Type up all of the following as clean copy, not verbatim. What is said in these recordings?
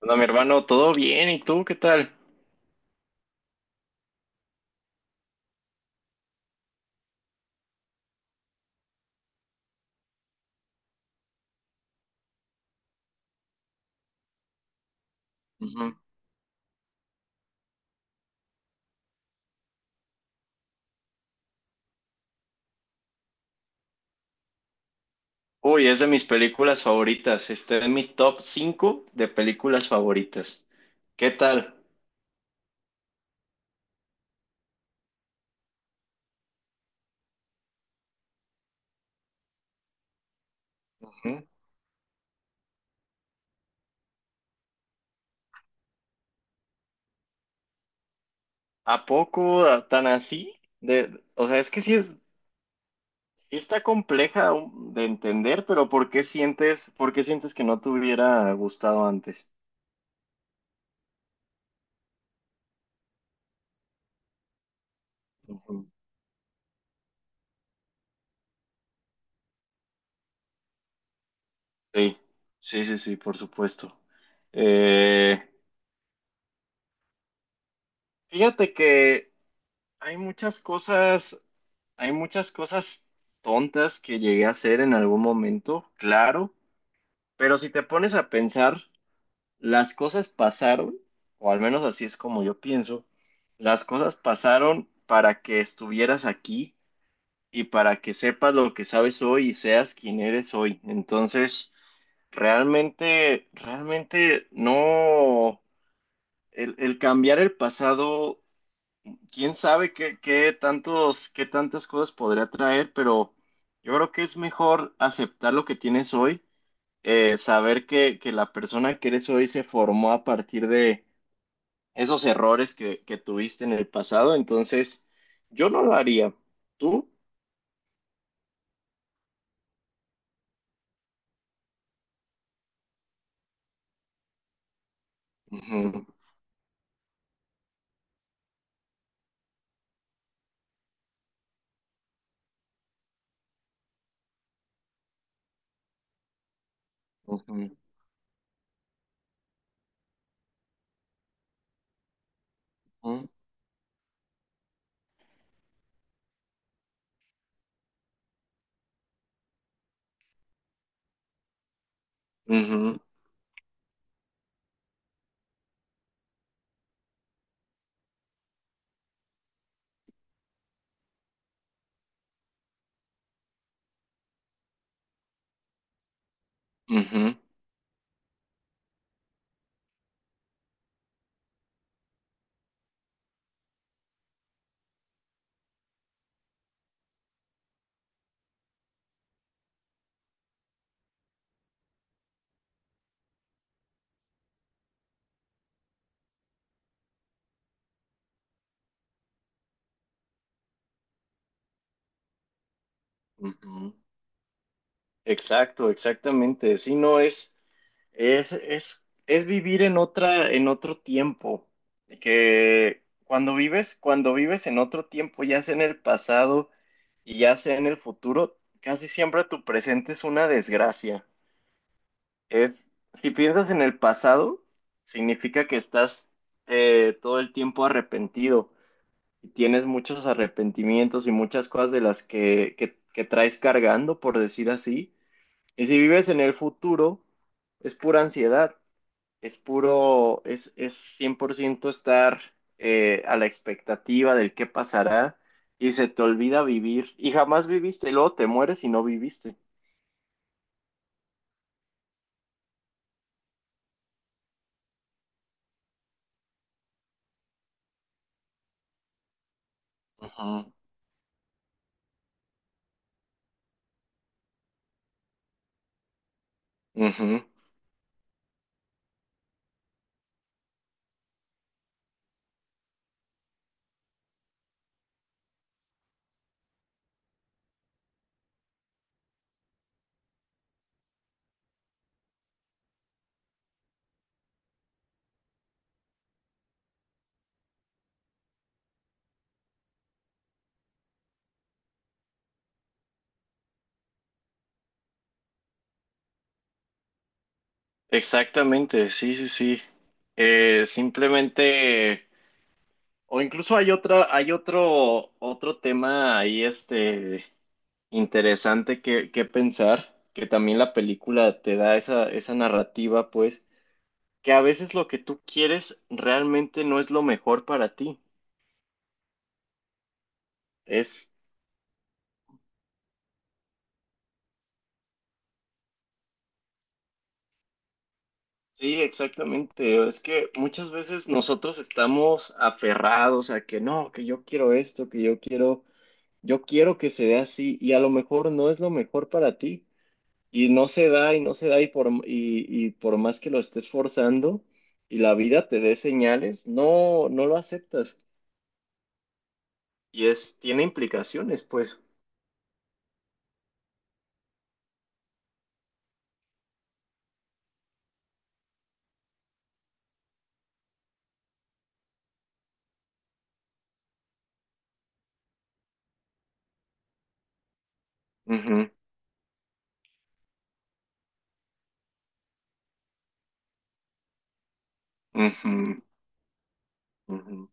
Hola, mi hermano, todo bien, ¿y tú qué tal? Ujú. Uy, es de mis películas favoritas. Este es mi top 5 de películas favoritas. ¿Qué tal? Ujú. ¿A poco tan así? De, o sea, es que sí, es- Sí está compleja de entender, pero por qué sientes que no te hubiera gustado antes? Ujú. Sí, sí, sí, sí, por supuesto. Eh, Fíjate que hay muchas cosas, hay muchas cosas tontas que llegué a hacer en algún momento, claro, pero si te pones a pensar, las cosas pasaron, o al menos así es como yo pienso, las cosas pasaron para que estuvieras aquí y para que sepas lo que sabes hoy y seas quien eres hoy. Entonces, realmente, realmente no, el cambiar el pasado. Quién sabe qué, qué tantas cosas podría traer, pero yo creo que es mejor aceptar lo que tienes hoy, saber que la persona que eres hoy se formó a partir de esos errores que tuviste en el pasado, entonces yo no lo haría. ¿Tú? Ujú, ujú, ujú, ujú, ujú, ujú. Exacto, exactamente. Si no es. Es vivir en otra, en otro tiempo. Que cuando vives en otro tiempo, ya sea en el pasado y ya sea en el futuro, casi siempre tu presente es una desgracia. Es, si piensas en el pasado, significa que estás todo el tiempo arrepentido y tienes muchos arrepentimientos y muchas cosas de las que traes cargando, por decir así. Y si vives en el futuro, es pura ansiedad, es puro, es 100% estar a la expectativa del qué pasará y se te olvida vivir y jamás viviste, y luego te mueres y no viviste. Ujú, ujú. Exactamente, sí, sí, sí. Simplemente, o incluso hay otra, hay otro, otro tema ahí, interesante que pensar, que también la película te da esa, esa narrativa, pues que a veces lo que tú quieres realmente no es lo mejor para ti. Es, sí, exactamente. Es que muchas veces nosotros estamos aferrados a que no, que yo quiero esto, que yo quiero que se dé así y a lo mejor no es lo mejor para ti y no se da y no se da y por, y por más que lo estés forzando y la vida te dé señales, no, no lo aceptas y es, tiene implicaciones, pues. Ujú, ujú, ujú.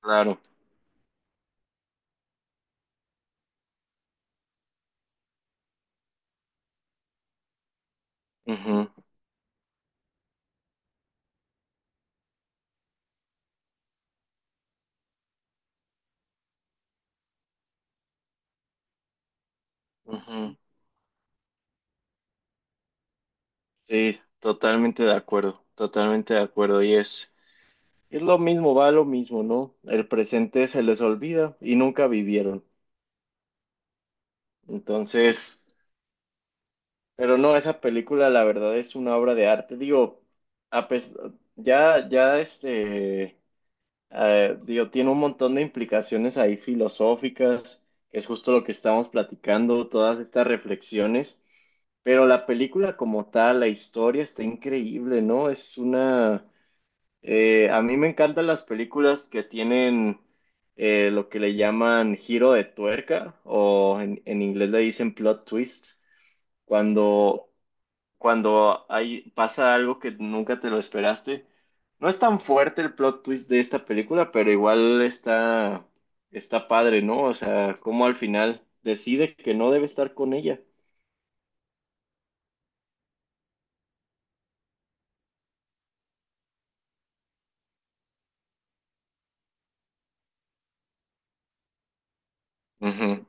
Claro. Ujú. Ujú. Sí, totalmente de acuerdo, totalmente de acuerdo. Y es lo mismo, va lo mismo, ¿no? El presente se les olvida y nunca vivieron. Entonces, pero no, esa película la verdad es una obra de arte. Digo, a pes- ya, digo, tiene un montón de implicaciones ahí filosóficas, que es justo lo que estamos platicando, todas estas reflexiones. Pero la película como tal, la historia está increíble, ¿no? Es una... A mí me encantan las películas que tienen lo que le llaman giro de tuerca o en inglés le dicen plot twist, cuando, cuando hay, pasa algo que nunca te lo esperaste. No es tan fuerte el plot twist de esta película, pero igual está, está padre, ¿no? O sea, como al final decide que no debe estar con ella. Ujú.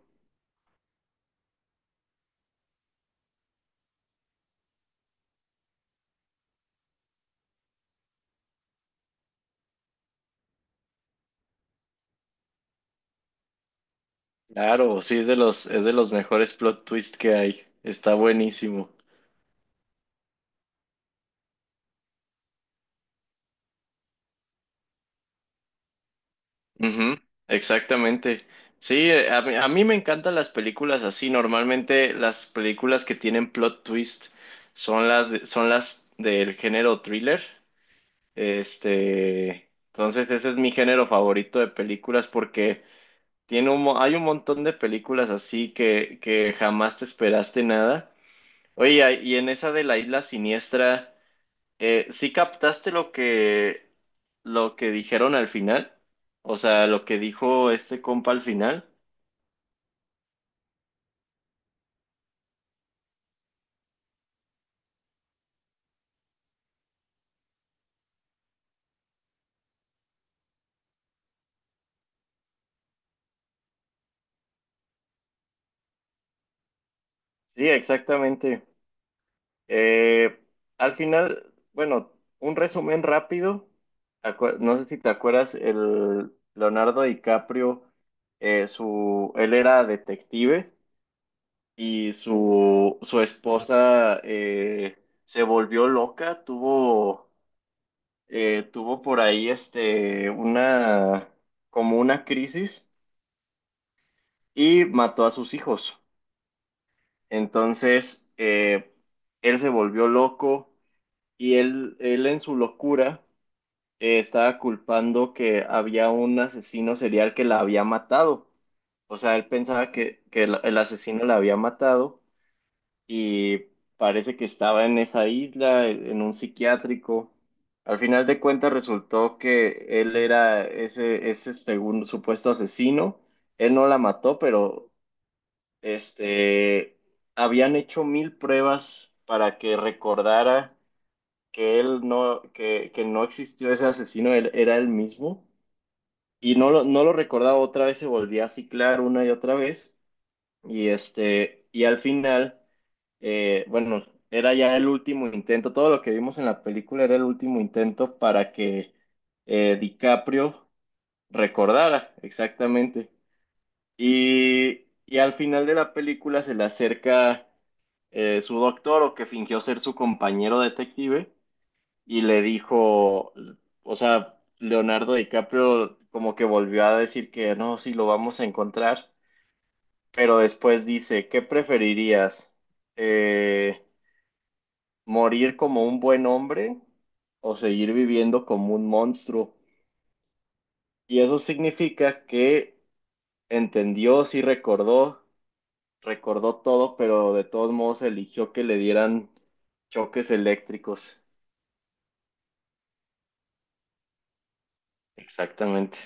Claro, sí, es de los mejores plot twists que hay. Está buenísimo. Ujú, exactamente. Sí, a mí me encantan las películas así. Normalmente las películas que tienen plot twist son son las del género thriller. Este, entonces ese es mi género favorito de películas porque tiene un, hay un montón de películas así que jamás te esperaste nada. Oye, y en esa de la Isla Siniestra ¿sí captaste lo que dijeron al final? O sea, lo que dijo este compa al final. Sí, exactamente. Eh, Al final, bueno, un resumen rápido. No sé si te acuerdas, el Leonardo DiCaprio, él era detective y su esposa se volvió loca, tuvo tuvo por ahí una como una crisis y mató a sus hijos. Entonces él se volvió loco y él en su locura estaba culpando que había un asesino serial que la había matado. O sea, él pensaba que el asesino la había matado y parece que estaba en esa isla, en un psiquiátrico. Al final de cuentas resultó que él era ese, ese segundo supuesto asesino. Él no la mató, pero este, habían hecho 1000 pruebas para que recordara que él no, que no existió ese asesino, él era él mismo. Y no lo, no lo recordaba otra vez, se volvía a ciclar una y otra vez. Y este, y al final bueno, era ya el último intento, todo lo que vimos en la película era el último intento para que DiCaprio recordara exactamente. Y al final de la película se le acerca su doctor o que fingió ser su compañero detective y le dijo, o sea, Leonardo DiCaprio como que volvió a decir que no, sí lo vamos a encontrar, pero después dice, ¿qué preferirías? Eh, Morir como un buen hombre o seguir viviendo como un monstruo. Y eso significa que entendió, sí recordó, recordó todo, pero de todos modos eligió que le dieran choques eléctricos. Exactamente.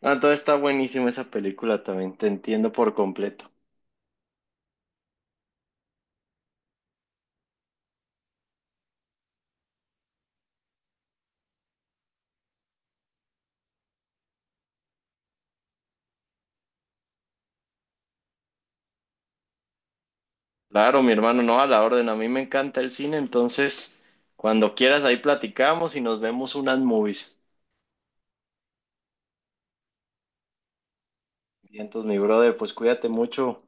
Ah, entonces está buenísima esa película también, te entiendo por completo. Claro, mi hermano, no, a la orden, a mí me encanta el cine, entonces cuando quieras ahí platicamos y nos vemos unas movies. Bien, entonces, mi brother, pues cuídate mucho.